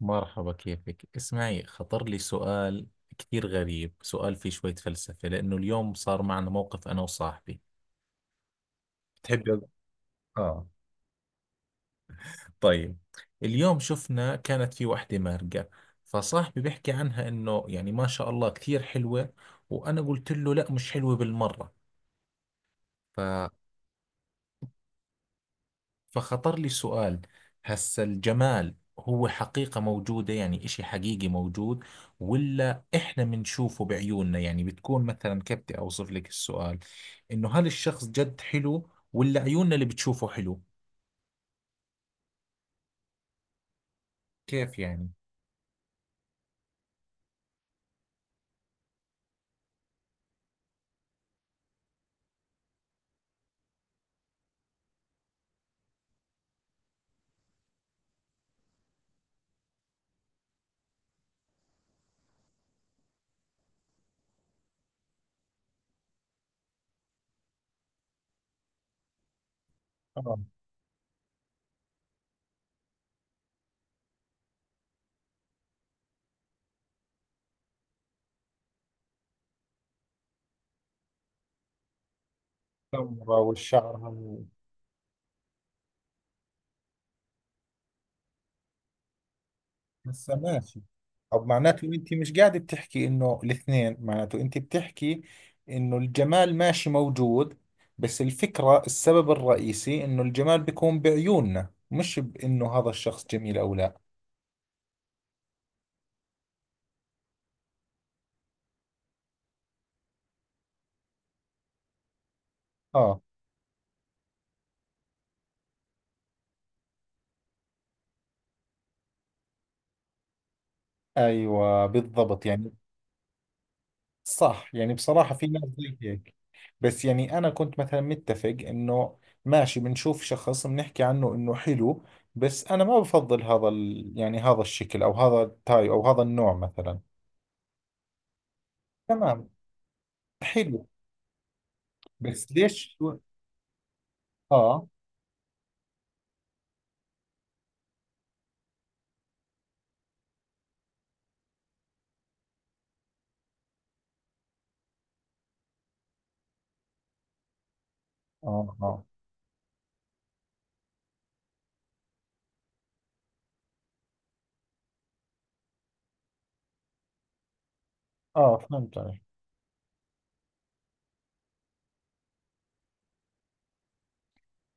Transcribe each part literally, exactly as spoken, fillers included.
مرحبا، كيفك؟ اسمعي، خطر لي سؤال كثير غريب. سؤال فيه شوية فلسفة لأنه اليوم صار معنا موقف أنا وصاحبي. تحب؟ آه. طيب. اليوم شفنا كانت في وحدة مارقة، فصاحبي بيحكي عنها إنه يعني ما شاء الله كثير حلوة، وأنا قلت له لا، مش حلوة بالمرة. فخطر لي سؤال: هسا الجمال هو حقيقة موجودة؟ يعني إشي حقيقي موجود ولا إحنا بنشوفه بعيوننا؟ يعني بتكون مثلا، كيف بدي أوصف لك السؤال، إنه هل الشخص جد حلو ولا عيوننا اللي بتشوفه حلو؟ كيف يعني؟ آه. النظرة والشعر. بس ماشي. طب معناته انت مش قاعده بتحكي انه الاثنين، معناته انت بتحكي انه الجمال ماشي موجود، بس الفكره السبب الرئيسي انه الجمال بيكون بعيوننا، مش بانه هذا الشخص جميل او لا. اه. ايوه، بالضبط يعني. صح، يعني بصراحه في ناس زي هيك. بس يعني انا كنت مثلا متفق انه ماشي، بنشوف شخص بنحكي عنه انه حلو، بس انا ما بفضل هذا ال... يعني هذا الشكل او هذا التايب او هذا النوع مثلا. تمام. حلو. بس ليش و- اه اه اه اه، فهمت عليك.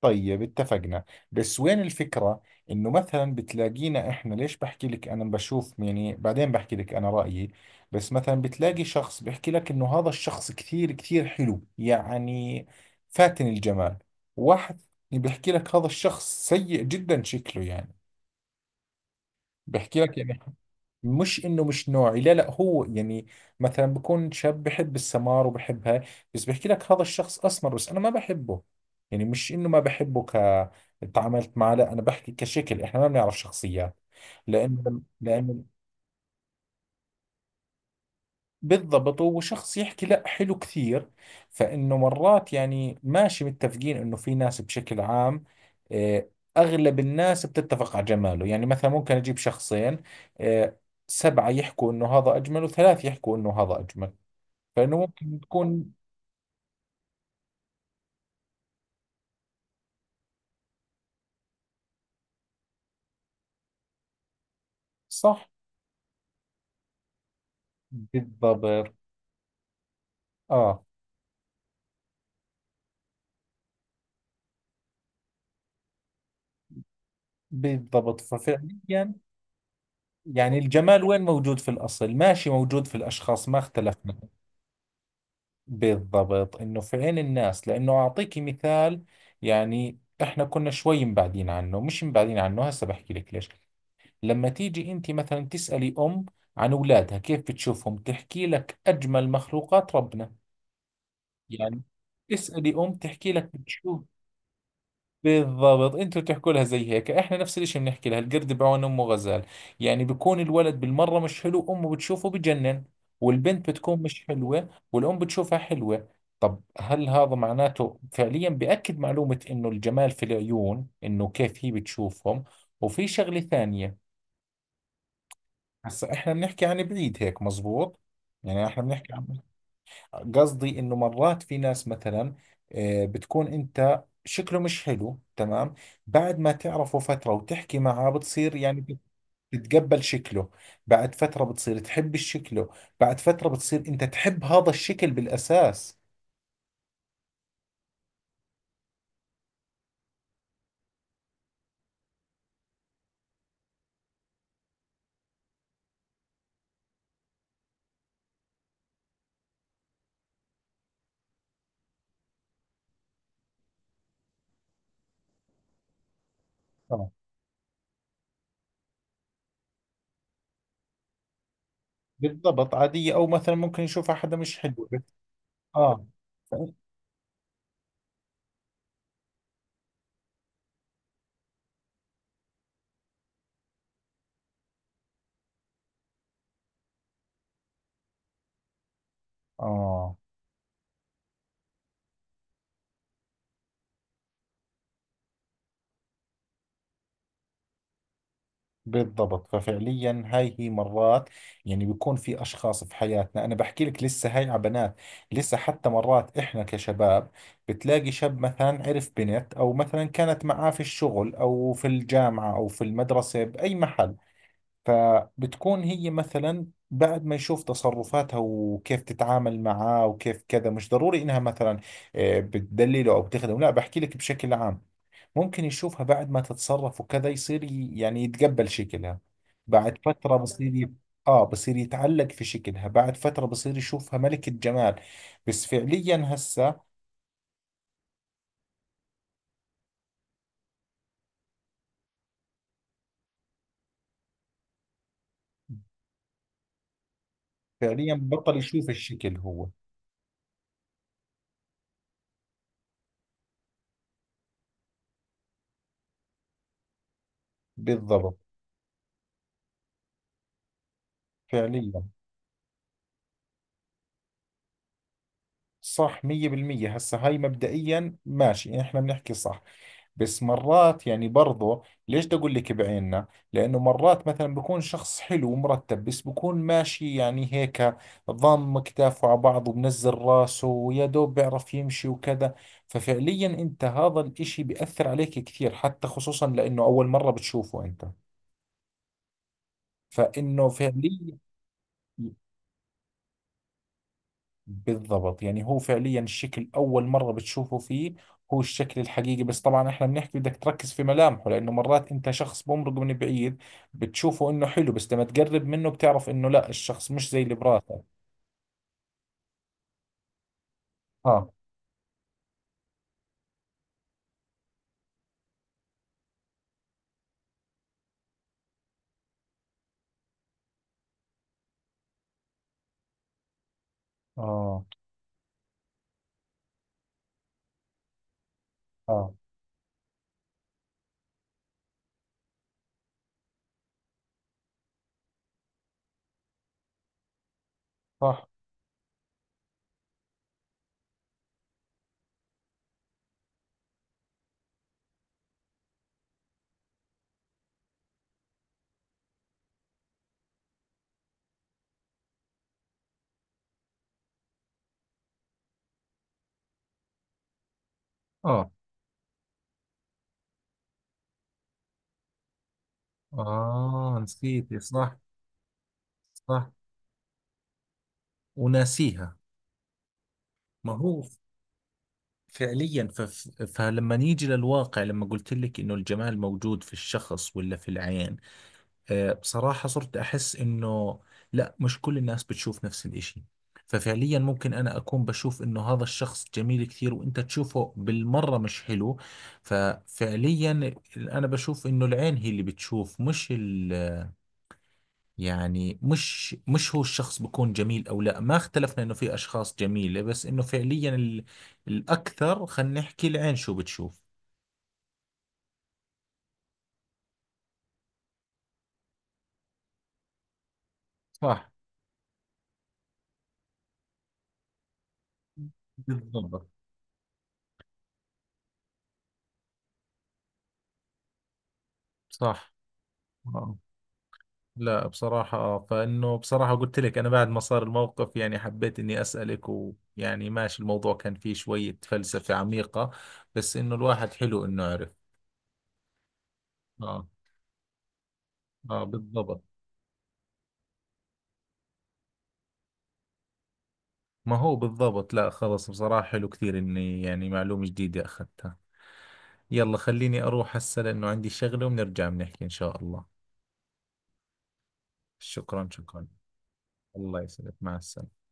طيب اتفقنا، بس وين الفكرة؟ انه مثلا بتلاقينا احنا، ليش بحكي لك انا بشوف يعني بعدين بحكي لك انا رأيي، بس مثلا بتلاقي شخص بيحكي لك انه هذا الشخص كثير كثير حلو، يعني فاتن الجمال. واحد بيحكي لك هذا الشخص سيء جدا شكله، يعني بحكي لك يعني مش انه مش نوعي، لا لا، هو يعني مثلا بكون شاب بحب السمار وبحب هاي، بس بحكي لك هذا الشخص اسمر بس انا ما بحبه، يعني مش انه ما بحبه ك تعاملت معه، لا، انا بحكي كشكل، احنا ما بنعرف شخصيات لانه لانه. بالضبط، وشخص يحكي لا حلو كثير. فإنه مرات يعني ماشي متفقين إنه في ناس بشكل عام، آه، أغلب الناس بتتفق على جماله، يعني مثلا ممكن أجيب شخصين، آه، سبعة يحكوا إنه هذا أجمل وثلاث يحكوا إنه هذا أجمل، فإنه ممكن تكون. صح بالضبط. آه بالضبط ففعليا، يعني الجمال وين موجود في الأصل؟ ماشي موجود في الأشخاص، ما اختلفنا. بالضبط، انه في عين الناس، لانه اعطيكي مثال. يعني احنا كنا شوي مبعدين عنه، مش مبعدين عنه هسه بحكي لك ليش. لما تيجي انت مثلا تسألي ام عن اولادها كيف بتشوفهم، تحكي لك اجمل مخلوقات ربنا. يعني اسألي ام تحكي لك بتشوف. بالضبط، انتوا تحكوا لها زي هيك، احنا نفس الاشي بنحكي لها: القرد بعون امه غزال. يعني بكون الولد بالمرة مش حلو امه بتشوفه بجنن، والبنت بتكون مش حلوة والام بتشوفها حلوة. طب هل هذا معناته فعليا بأكد معلومة انه الجمال في العيون، انه كيف هي بتشوفهم؟ وفي شغلة ثانية. هسا احنا بنحكي عن بعيد هيك مزبوط، يعني احنا بنحكي عن، قصدي انه مرات في ناس مثلا، آه، بتكون انت شكله مش حلو، تمام؟ بعد ما تعرفه فترة وتحكي معه بتصير يعني بت- بتتقبل شكله، بعد فترة بتصير تحب شكله، بعد فترة بتصير انت تحب هذا الشكل بالاساس. آه. بالضبط، عادية او مثلا ممكن يشوفها حدا مش حلو. اه ف- اه بالضبط ففعليا هاي هي مرات، يعني بيكون في أشخاص في حياتنا، أنا بحكي لك لسه هاي على بنات، لسه حتى مرات إحنا كشباب بتلاقي شاب مثلا عرف بنت أو مثلا كانت معاه في الشغل أو في الجامعة أو في المدرسة بأي محل، فبتكون هي مثلا بعد ما يشوف تصرفاتها وكيف تتعامل معاه وكيف كذا، مش ضروري إنها مثلا، آه، بتدلله أو بتخدمه، لا بحكي لك بشكل عام، ممكن يشوفها بعد ما تتصرف وكذا يصير ي- يعني يتقبل شكلها، بعد فترة بصير ي... آه بصير يتعلق في شكلها، بعد فترة بصير يشوفها ملكة جمال. بس فعليا هسه فعليا بطل يشوف الشكل هو. بالضبط فعليا. صح مية بالمية. هسه هاي مبدئيا ماشي احنا بنحكي صح، بس مرات يعني برضو ليش بدي اقول لك بعيننا، لانه مرات مثلا بكون شخص حلو ومرتب بس بكون ماشي يعني هيك، ضم كتافه على بعض ومنزل راسه ويا دوب بيعرف يمشي وكذا، ففعليا انت هذا الاشي بيأثر عليك كثير، حتى خصوصا لانه اول مرة بتشوفه انت، فانه فعليا بالضبط، يعني هو فعليا الشكل أول مرة بتشوفه فيه هو الشكل الحقيقي، بس طبعا احنا بنحكي بدك تركز في ملامحه، لأنه مرات أنت شخص بمرق من بعيد بتشوفه إنه حلو، بس لما تقرب منه بتعرف إنه لا، الشخص مش زي اللي براسك. اه اه اه صح. اه اه، نسيت صح. صح، وناسيها. ما هو فعليا فف... فلما نيجي للواقع، لما قلت لك انه الجمال موجود في الشخص ولا في العين، آه، بصراحة صرت أحس إنه لا، مش كل الناس بتشوف نفس الإشي، ففعليا ممكن أنا أكون بشوف إنه هذا الشخص جميل كثير وأنت تشوفه بالمرة مش حلو، ففعليا أنا بشوف إنه العين هي اللي بتشوف مش ال يعني مش مش هو الشخص بكون جميل أو لا، ما اختلفنا إنه في أشخاص جميلة، بس إنه فعليا ال الأكثر خلينا نحكي العين شو بتشوف. صح بالضبط صح. لا بصراحة آه، فإنه بصراحة قلت لك أنا بعد ما صار الموقف يعني حبيت إني أسألك، ويعني ماشي الموضوع كان فيه شوية فلسفة عميقة، بس إنه الواحد حلو إنه عرف. آه آه بالضبط. ما هو بالضبط، لا خلص، بصراحة حلو كثير إني يعني معلومة جديدة أخذتها. يلا خليني أروح هسه لأنه عندي شغلة وبنرجع بنحكي إن شاء الله. شكرا شكرا. الله يسعدك، مع السلامة.